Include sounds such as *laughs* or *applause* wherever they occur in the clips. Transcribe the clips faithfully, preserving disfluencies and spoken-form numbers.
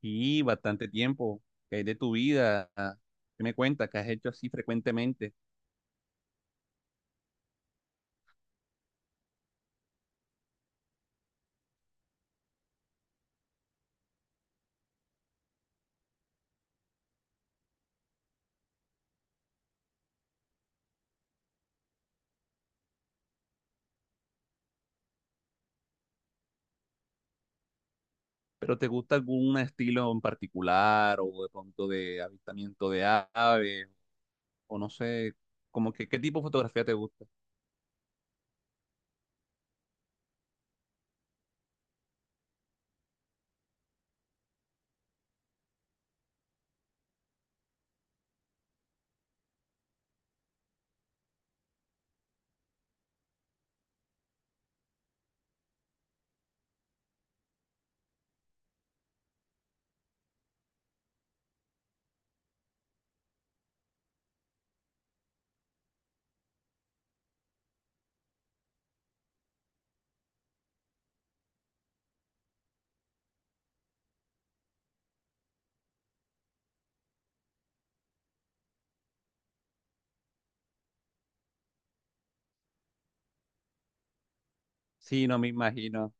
Y bastante tiempo, ¿que hay de tu vida? ¿Qué me cuentas? ¿Qué has hecho así frecuentemente? ¿Pero te gusta algún estilo en particular o de pronto de avistamiento de aves? O no sé, como que qué tipo de fotografía te gusta. Sí, no me imagino.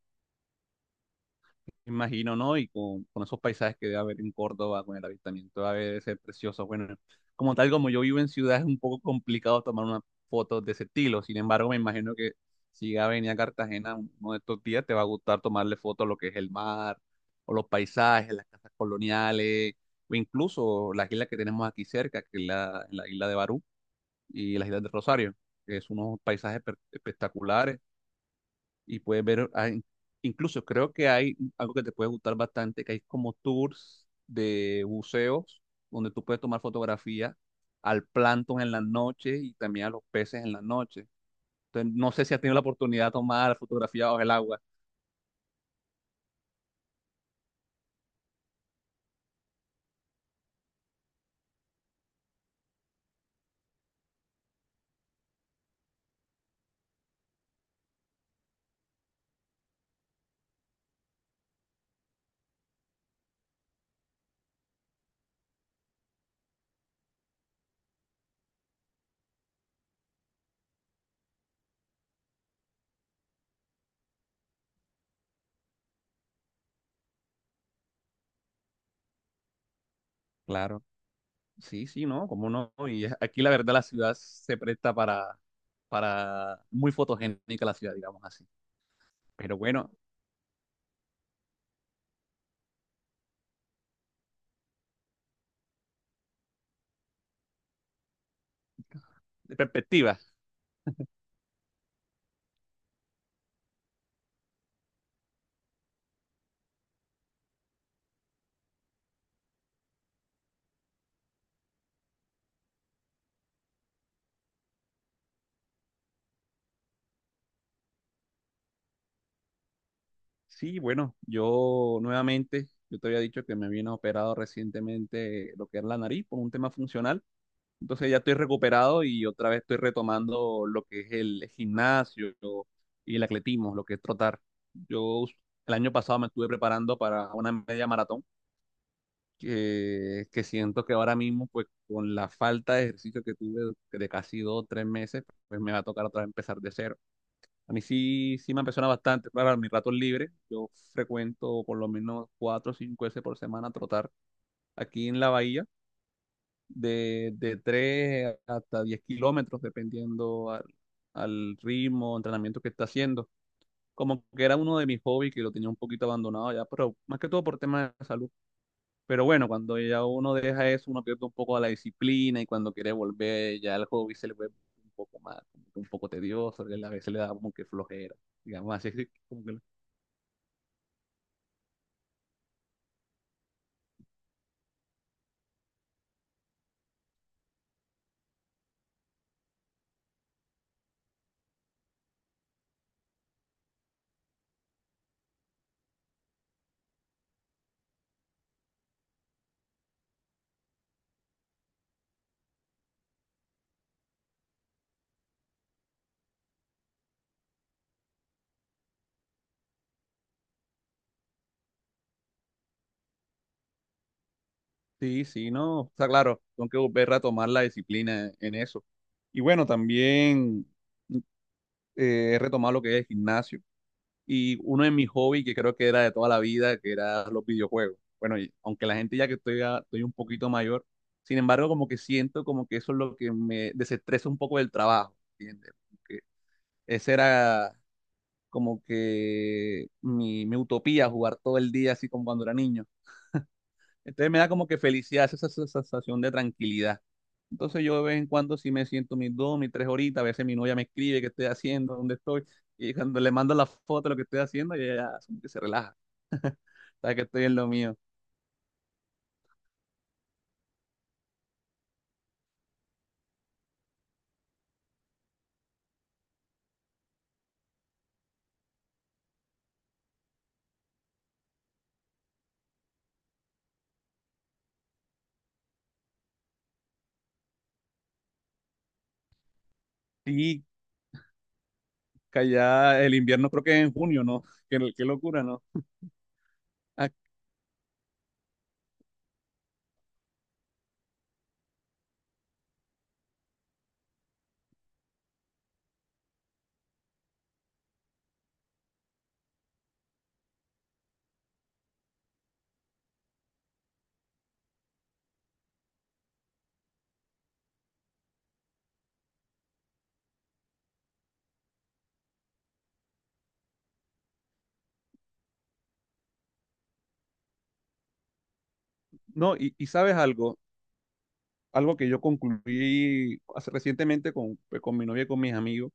Me imagino, ¿no? Y con, con esos paisajes que debe haber en Córdoba, con el avistamiento, debe de ser precioso. Bueno, como tal, como yo vivo en ciudad, es un poco complicado tomar unas fotos de ese estilo. Sin embargo, me imagino que si ya venía a Cartagena uno de estos días, te va a gustar tomarle fotos a lo que es el mar, o los paisajes, las casas coloniales, o incluso las islas que tenemos aquí cerca, que es la, la isla de Barú y las islas de Rosario, que es unos paisajes per- espectaculares y puedes ver, hay- incluso creo que hay algo que te puede gustar bastante, que hay como tours de buceos donde tú puedes tomar fotografía al plancton en la noche y también a los peces en la noche. Entonces, no sé si has tenido la oportunidad de tomar fotografía bajo el agua. Claro. Sí, sí, ¿no? ¿Cómo no? Y es- aquí la verdad la ciudad se presta para, para muy fotogénica la ciudad, digamos así. Pero bueno, de perspectiva. Sí, bueno, yo nuevamente, yo te había dicho que me vino operado recientemente lo que es la nariz por un tema funcional. Entonces ya estoy recuperado y otra vez estoy retomando lo que es el gimnasio y el atletismo, lo que es trotar. Yo el año pasado me estuve preparando para una media maratón que, que siento que ahora mismo, pues con la falta de ejercicio que tuve de casi dos o tres meses, pues me va a tocar otra vez empezar de cero. A mí sí, sí me apasiona bastante. Para mis ratos libres, yo frecuento por lo menos cuatro o cinco veces por semana trotar aquí en la bahía, de, de tres hasta diez kilómetros, dependiendo al, al ritmo, entrenamiento que está haciendo. Como que era uno de mis hobbies que lo tenía un poquito abandonado ya, pero más que todo por temas de salud. Pero bueno, cuando ya uno deja eso, uno pierde un poco la disciplina y cuando quiere volver, ya el hobby se le vuelve un poco más, un poco tedioso, y a veces le da como que flojera digamos así, *laughs* es como que sí, sí, no, está claro, tengo que volver a tomar la disciplina en eso. Y bueno, también eh, he retomado lo que es el gimnasio y uno de mis hobbies que creo que era de toda la vida, que era los videojuegos. Bueno, y aunque la gente ya que estoy, a- estoy un poquito mayor, sin embargo, como que siento como que eso es lo que me desestresa un poco del trabajo, ¿entiendes? Como que esa era como que mi, mi utopía, jugar todo el día así como cuando era niño. Entonces me da como que felicidad, esa esa sensación de tranquilidad. Entonces yo de vez en cuando sí me siento mis dos, mis tres horitas, a veces mi novia me escribe qué estoy haciendo, dónde estoy, y cuando le mando la foto de lo que estoy haciendo, ella ya como que se relaja, sabe que estoy en lo mío. Sí, que allá el invierno creo que es en junio, ¿no? *laughs* Qué, qué locura, ¿no? Ah, no, y, y sabes algo, algo que yo concluí hace, recientemente con, pues, con mi novia y con mis amigos.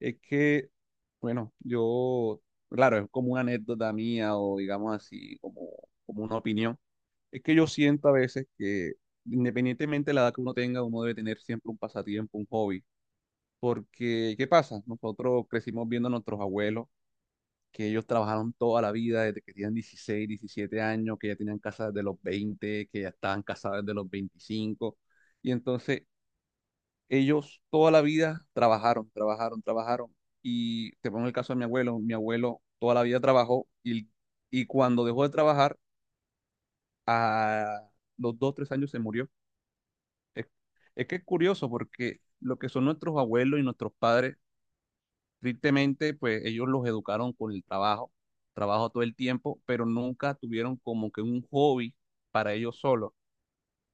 Es que, bueno, yo, claro, es como una anécdota mía o digamos así, como, como una opinión. Es que yo siento a veces que independientemente de la edad que uno tenga, uno debe tener siempre un pasatiempo, un hobby. Porque, ¿qué pasa? Nosotros crecimos viendo a nuestros abuelos, que ellos trabajaron toda la vida desde que tenían dieciséis diecisiete años, que ya tenían casa desde los veinte que ya estaban casados desde los veinticinco. Y entonces ellos toda la vida trabajaron, trabajaron, trabajaron. Y te pongo el caso de mi abuelo. Mi abuelo toda la vida trabajó y, y cuando dejó de trabajar, a los dos, tres años se murió. Es, es que es curioso porque lo que son nuestros abuelos y nuestros padres, tristemente, pues ellos los educaron con el trabajo, trabajo todo el tiempo, pero nunca tuvieron como que un hobby para ellos solos.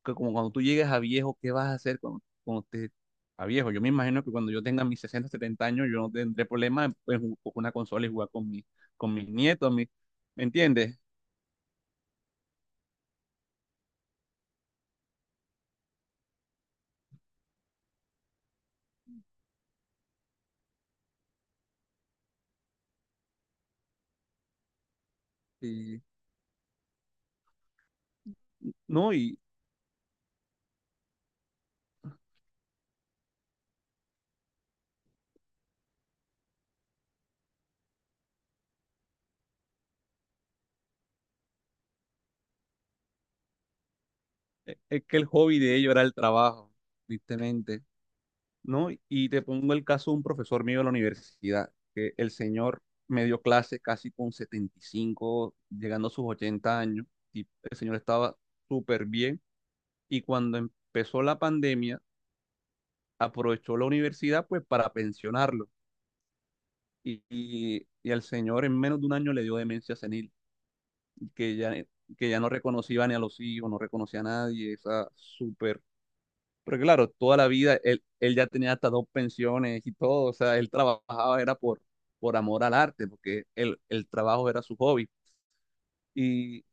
Que como cuando tú llegues a viejo, ¿qué vas a hacer cuando, cuando te, a viejo? Yo me imagino que cuando yo tenga mis sesenta setenta años, yo no tendré problema en, en ju- con una consola y jugar con, mi, con mis nietos, mi- ¿me entiendes? Y, no, y e- es que el hobby de ellos era el trabajo, tristemente, ¿no? Y te pongo el caso de un profesor mío de la universidad, que el señor me dio clase casi con setenta y cinco llegando a sus ochenta años, y el señor estaba súper bien, y cuando empezó la pandemia, aprovechó la universidad pues para pensionarlo. Y, y, y al señor en menos de un año le dio demencia senil, que ya, que ya no reconocía ni a los hijos, no reconocía a nadie, esa súper... Pero claro, toda la vida él, él ya tenía hasta dos pensiones y todo, o sea, él trabajaba era por, por amor al arte, porque el, el trabajo era su hobby. Y,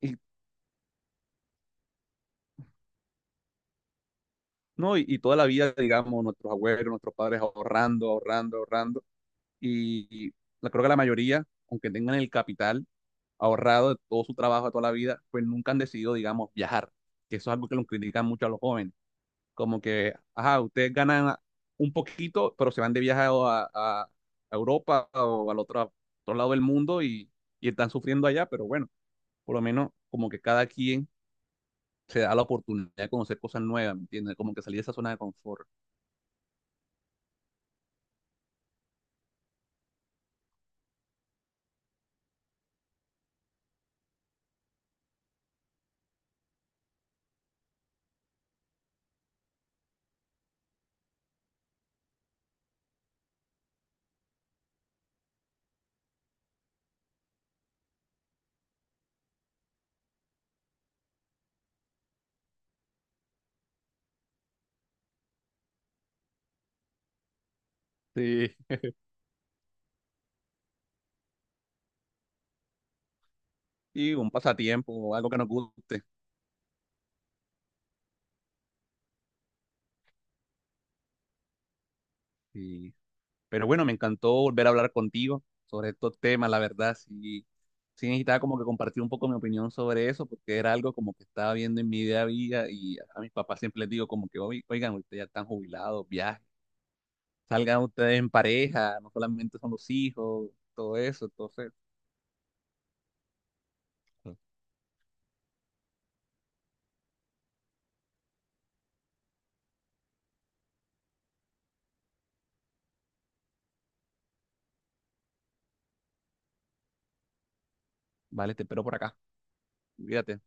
y, no, y, y toda la vida, digamos, nuestros abuelos, nuestros padres ahorrando, ahorrando, ahorrando. Y, y la- creo que la mayoría, aunque tengan el capital, ahorrado de todo su trabajo de toda la vida, pues nunca han decidido, digamos, viajar, que eso es algo que los critican mucho a los jóvenes, como que, ajá, ustedes ganan un poquito, pero se van de viaje a, a- a Europa o al otro, otro lado del mundo y, y están sufriendo allá, pero bueno, por lo menos como que cada quien se da la oportunidad de conocer cosas nuevas, ¿me entiendes? Como que salir de esa zona de confort. Sí. Y un pasatiempo, algo que nos guste. Y pero bueno, me encantó volver a hablar contigo sobre estos temas, la verdad, sí, sí necesitaba como que compartir un poco mi opinión sobre eso, porque era algo como que estaba viendo en mi día a día y a mis papás siempre les digo como que, "Oy- oigan, ustedes ya están jubilados, viajen, salgan ustedes en pareja, no solamente son los hijos, todo eso, entonces, vale, te espero por acá, cuídate.